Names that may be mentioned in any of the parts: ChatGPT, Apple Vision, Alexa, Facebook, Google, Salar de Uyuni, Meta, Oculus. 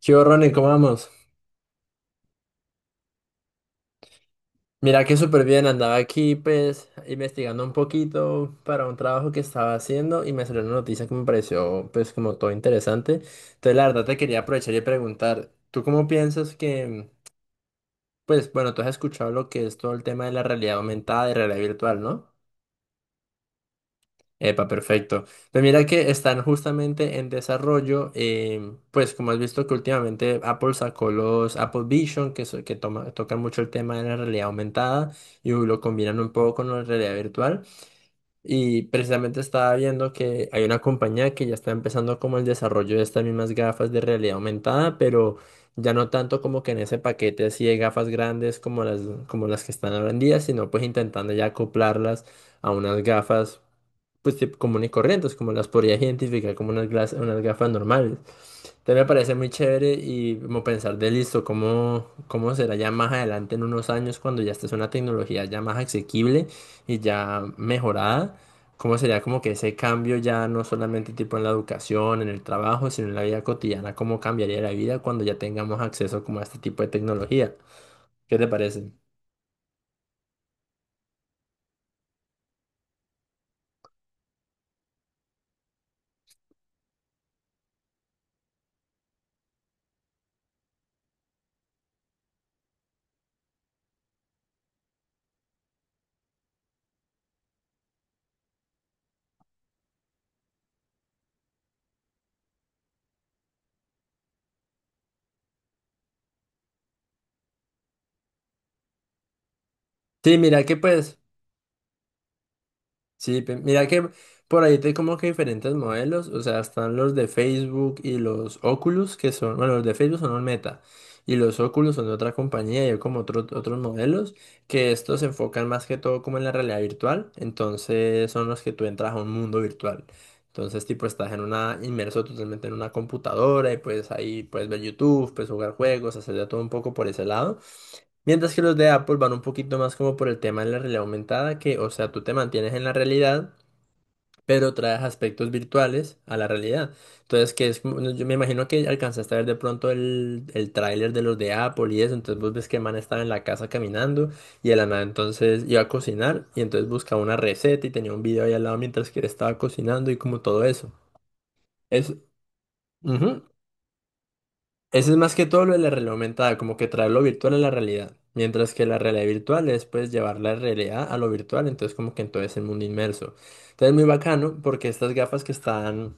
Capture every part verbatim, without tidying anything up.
¿Qué hubo, Ronnie? ¿Cómo vamos? Mira que súper bien, andaba aquí pues investigando un poquito para un trabajo que estaba haciendo y me salió una noticia que me pareció pues como todo interesante. Entonces la verdad te quería aprovechar y preguntar, ¿tú cómo piensas que, pues bueno, tú has escuchado lo que es todo el tema de la realidad aumentada y realidad virtual, ¿no? Epa, perfecto. Pues mira que están justamente en desarrollo, em, pues como has visto que últimamente Apple sacó los Apple Vision, que, so- que toma- tocan mucho el tema de la realidad aumentada y lo combinan un poco con la realidad virtual. Y precisamente estaba viendo que hay una compañía que ya está empezando como el desarrollo de estas mismas gafas de realidad aumentada, pero ya no tanto como que en ese paquete así de gafas grandes como las, como las que están ahora en día, sino pues intentando ya acoplarlas a unas gafas pues tipo común y corrientes, como las podría identificar como unas, glas- unas gafas normales. Entonces me parece muy chévere y como pensar de listo, cómo, cómo será ya más adelante en unos años cuando ya esta es una tecnología ya más asequible y ya mejorada, cómo sería como que ese cambio ya no solamente tipo en la educación, en el trabajo, sino en la vida cotidiana, cómo cambiaría la vida cuando ya tengamos acceso como a este tipo de tecnología. ¿Qué te parece? Sí, mira que pues... Sí, pe- mira que por ahí te como que diferentes modelos, o sea, están los de Facebook y los Oculus, que son, bueno, los de Facebook son los Meta, y los Oculus son de otra compañía y hay como otros otros modelos, que estos se enfocan más que todo como en la realidad virtual, entonces son los que tú entras a un mundo virtual. Entonces, tipo, estás en una, inmerso totalmente en una computadora y pues ahí puedes ver YouTube, puedes jugar juegos, hacer de todo un poco por ese lado. Mientras que los de Apple van un poquito más como por el tema de la realidad aumentada, que, o sea, tú te mantienes en la realidad, pero traes aspectos virtuales a la realidad. Entonces, que es, como- yo me imagino que alcanzaste a ver de pronto el, el tráiler de los de Apple y eso, entonces vos ves que el man estaba en la casa caminando y el man entonces iba a cocinar y entonces buscaba una receta y tenía un video ahí al lado mientras que él estaba cocinando y como todo eso. Es, Ese es más que todo lo de la realidad aumentada, como que traer lo virtual a la realidad. Mientras que la realidad virtual es pues llevar la realidad a lo virtual, entonces como que en todo ese mundo inmerso. Entonces muy bacano porque estas gafas que están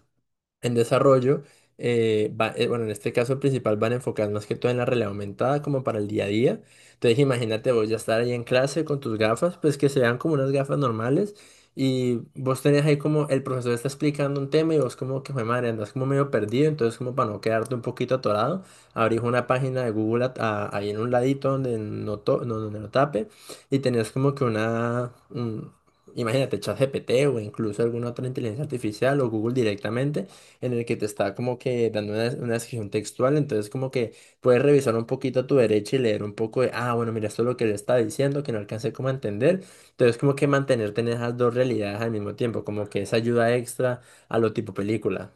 en desarrollo, eh, va- eh, bueno, en este caso principal van enfocadas más que todo en la realidad aumentada como para el día a día. Entonces imagínate vos ya estar ahí en clase con tus gafas, pues que sean como unas gafas normales y vos tenés ahí como el profesor está explicando un tema y vos como que, "Jue madre, andas como medio perdido, entonces como para no quedarte un poquito atorado, abrís una página de Google a- a- ahí en un ladito donde no, to- no, donde no tape y tenés como que una... un- Imagínate, ChatGPT o incluso alguna otra inteligencia artificial o Google directamente en el que te está como que dando una, una descripción textual, entonces como que puedes revisar un poquito a tu derecha y leer un poco de, ah, bueno, mira, esto es lo que le está diciendo, que no alcancé como a entender, entonces como que mantenerte en esas dos realidades al mismo tiempo, como que esa ayuda extra a lo tipo película.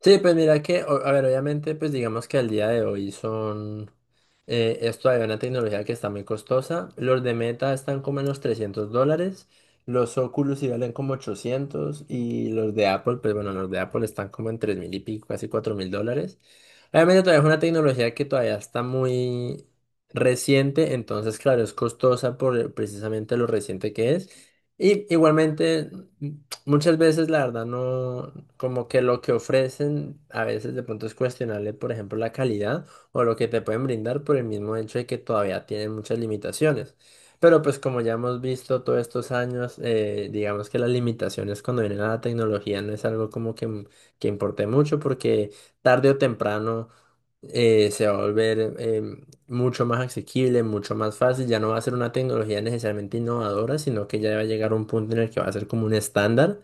Sí, pues mira que, o- a ver, obviamente, pues digamos que al día de hoy son... Eh, esto es una tecnología que está muy costosa. Los de Meta están como en los trescientos dólares. Los Oculus sí valen como ochocientos. Y los de Apple, pues bueno, los de Apple están como en tres mil y pico, casi cuatro mil dólares. Obviamente todavía es una tecnología que todavía está muy reciente. Entonces, claro, es costosa por eh, precisamente lo reciente que es. Y igualmente, mm, muchas veces la verdad no, como que lo que ofrecen a veces de pronto es cuestionable, por ejemplo, la calidad o lo que te pueden brindar por el mismo hecho de que todavía tienen muchas limitaciones. Pero pues como ya hemos visto todos estos años, eh, digamos que las limitaciones cuando vienen a la tecnología no es algo como que, m- que importe mucho porque tarde o temprano eh, se va a volver eh, mucho más asequible, mucho más fácil, ya no va a ser una tecnología necesariamente innovadora, sino que ya va a llegar a un punto en el que va a ser como un estándar.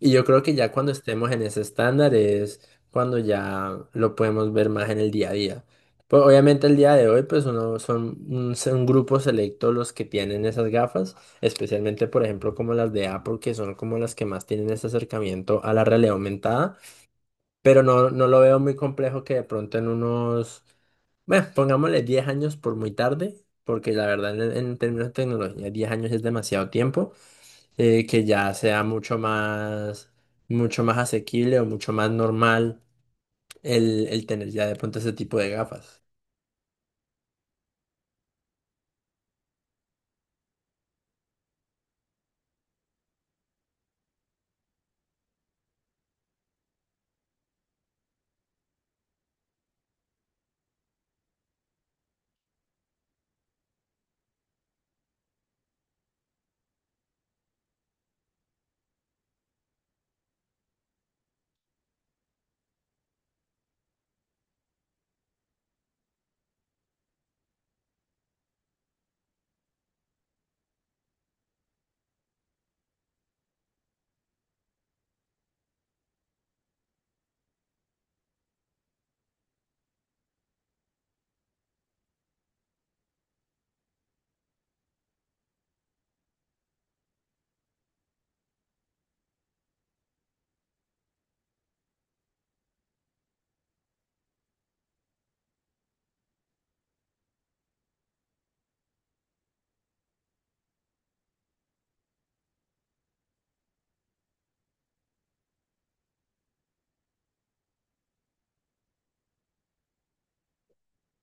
Y yo creo que ya cuando estemos en ese estándar es cuando ya lo podemos ver más en el día a día. Pues obviamente el día de hoy, pues uno son un, se- un grupo selecto los que tienen esas gafas, especialmente por ejemplo como las de Apple, que son como las que más tienen ese acercamiento a la realidad aumentada, pero no, no lo veo muy complejo que de pronto en unos, bueno, pongámosle diez años por muy tarde, porque la verdad en, en términos de tecnología diez años es demasiado tiempo eh, que ya sea mucho más, mucho más asequible o mucho más normal el, el tener ya de pronto ese tipo de gafas.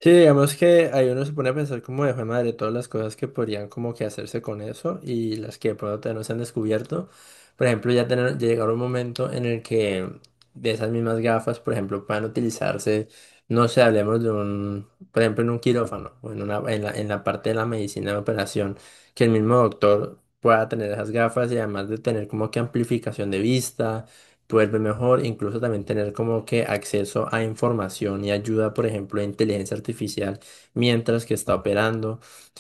Sí, digamos que ahí uno se pone a pensar como de "Jue madre todas las cosas que podrían como que hacerse con eso y las que de pronto todavía no se han descubierto. Por ejemplo, ya tener, ya llegar un momento en el que de esas mismas gafas, por ejemplo, puedan utilizarse, no sé, hablemos de un, por ejemplo, en un quirófano o en una, en la, en la parte de la medicina de operación, que el mismo doctor pueda tener esas gafas y además de tener como que amplificación de vista vuelve mejor, incluso también tener como que acceso a información y ayuda, por ejemplo, de inteligencia artificial mientras que está operando,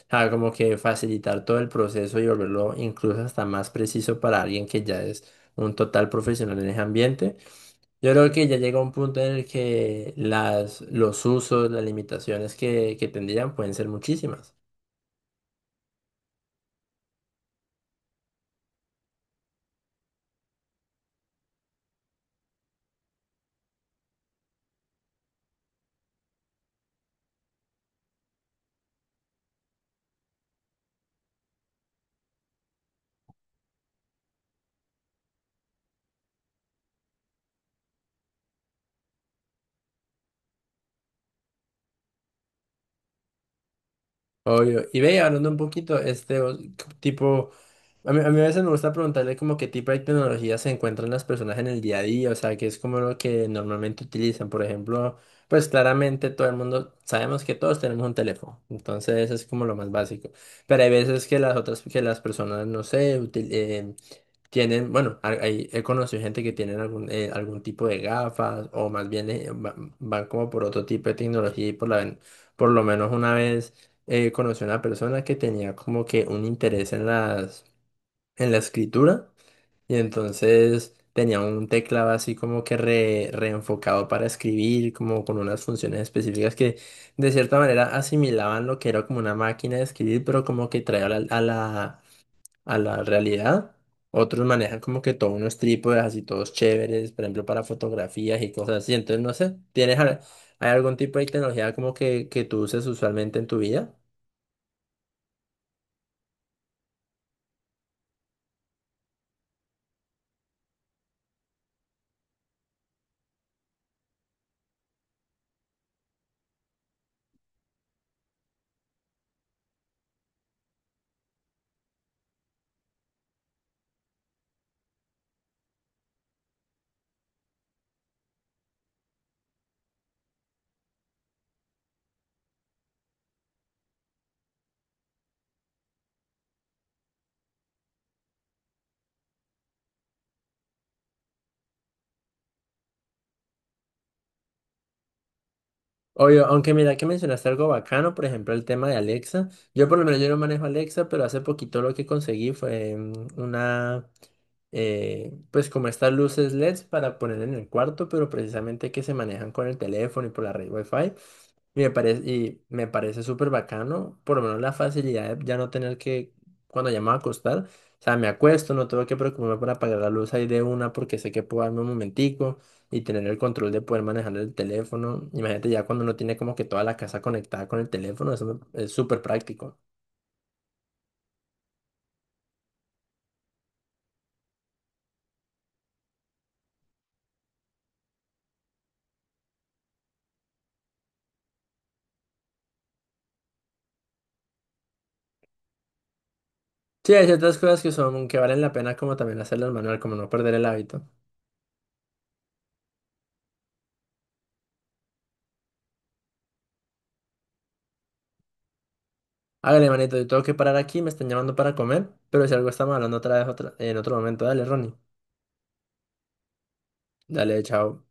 ah, como que facilitar todo el proceso y volverlo incluso hasta más preciso para alguien que ya es un total profesional en ese ambiente. Yo creo que ya llega un punto en el que las, los usos, las limitaciones que, que tendrían pueden ser muchísimas. Obvio. Y ve, hablando un poquito, este o- tipo, a mí, a mí a veces me gusta preguntarle como qué tipo de tecnologías se encuentran las personas en el día a día, o sea, qué es como lo que normalmente utilizan. Por ejemplo, pues claramente todo el mundo, sabemos que todos tenemos un teléfono, entonces es como lo más básico. Pero hay veces que las otras, que las personas, no sé, tienen, bueno, ha- hay- he conocido gente que tienen algún, eh, algún tipo de gafas o más bien eh, va- van como por otro tipo de tecnología y por, la, ven- por lo menos una vez eh, conocí a una persona que tenía como que un interés en las, en la escritura y entonces tenía un teclado así como que re- reenfocado para escribir, como con unas funciones específicas que de cierta manera asimilaban lo que era como una máquina de escribir, pero como que traía a la, a la realidad. Otros manejan como que todos unos trípodes así todos chéveres, por ejemplo, para fotografías y cosas así. Entonces, no sé, ¿tienes al- hay algún tipo de tecnología como que, que tú uses usualmente en tu vida? Obvio, aunque mira que mencionaste algo bacano, por ejemplo, el tema de Alexa. Yo por lo menos yo no manejo Alexa, pero hace poquito lo que conseguí fue mm, una, eh, pues como estas luces L E Ds para poner en el cuarto, pero precisamente que se manejan con el teléfono y por la red Wi-Fi. Y me parece, y me parece súper bacano, por lo menos la facilidad de ya no tener que, cuando ya me voy a acostar, o sea, me acuesto, no tengo que preocuparme por apagar la luz ahí de una porque sé que puedo darme un momentico y tener el control de poder manejar el teléfono. Imagínate ya cuando uno tiene como que toda la casa conectada con el teléfono, eso me- es súper práctico. Sí, hay ciertas cosas que son, que valen la pena como también hacerlas manual, como no perder el hábito. Hágale, manito, yo tengo que parar aquí, me están llamando para comer, pero si algo estamos hablando otra vez otra, en otro momento, dale, Ronnie. Dale, chao.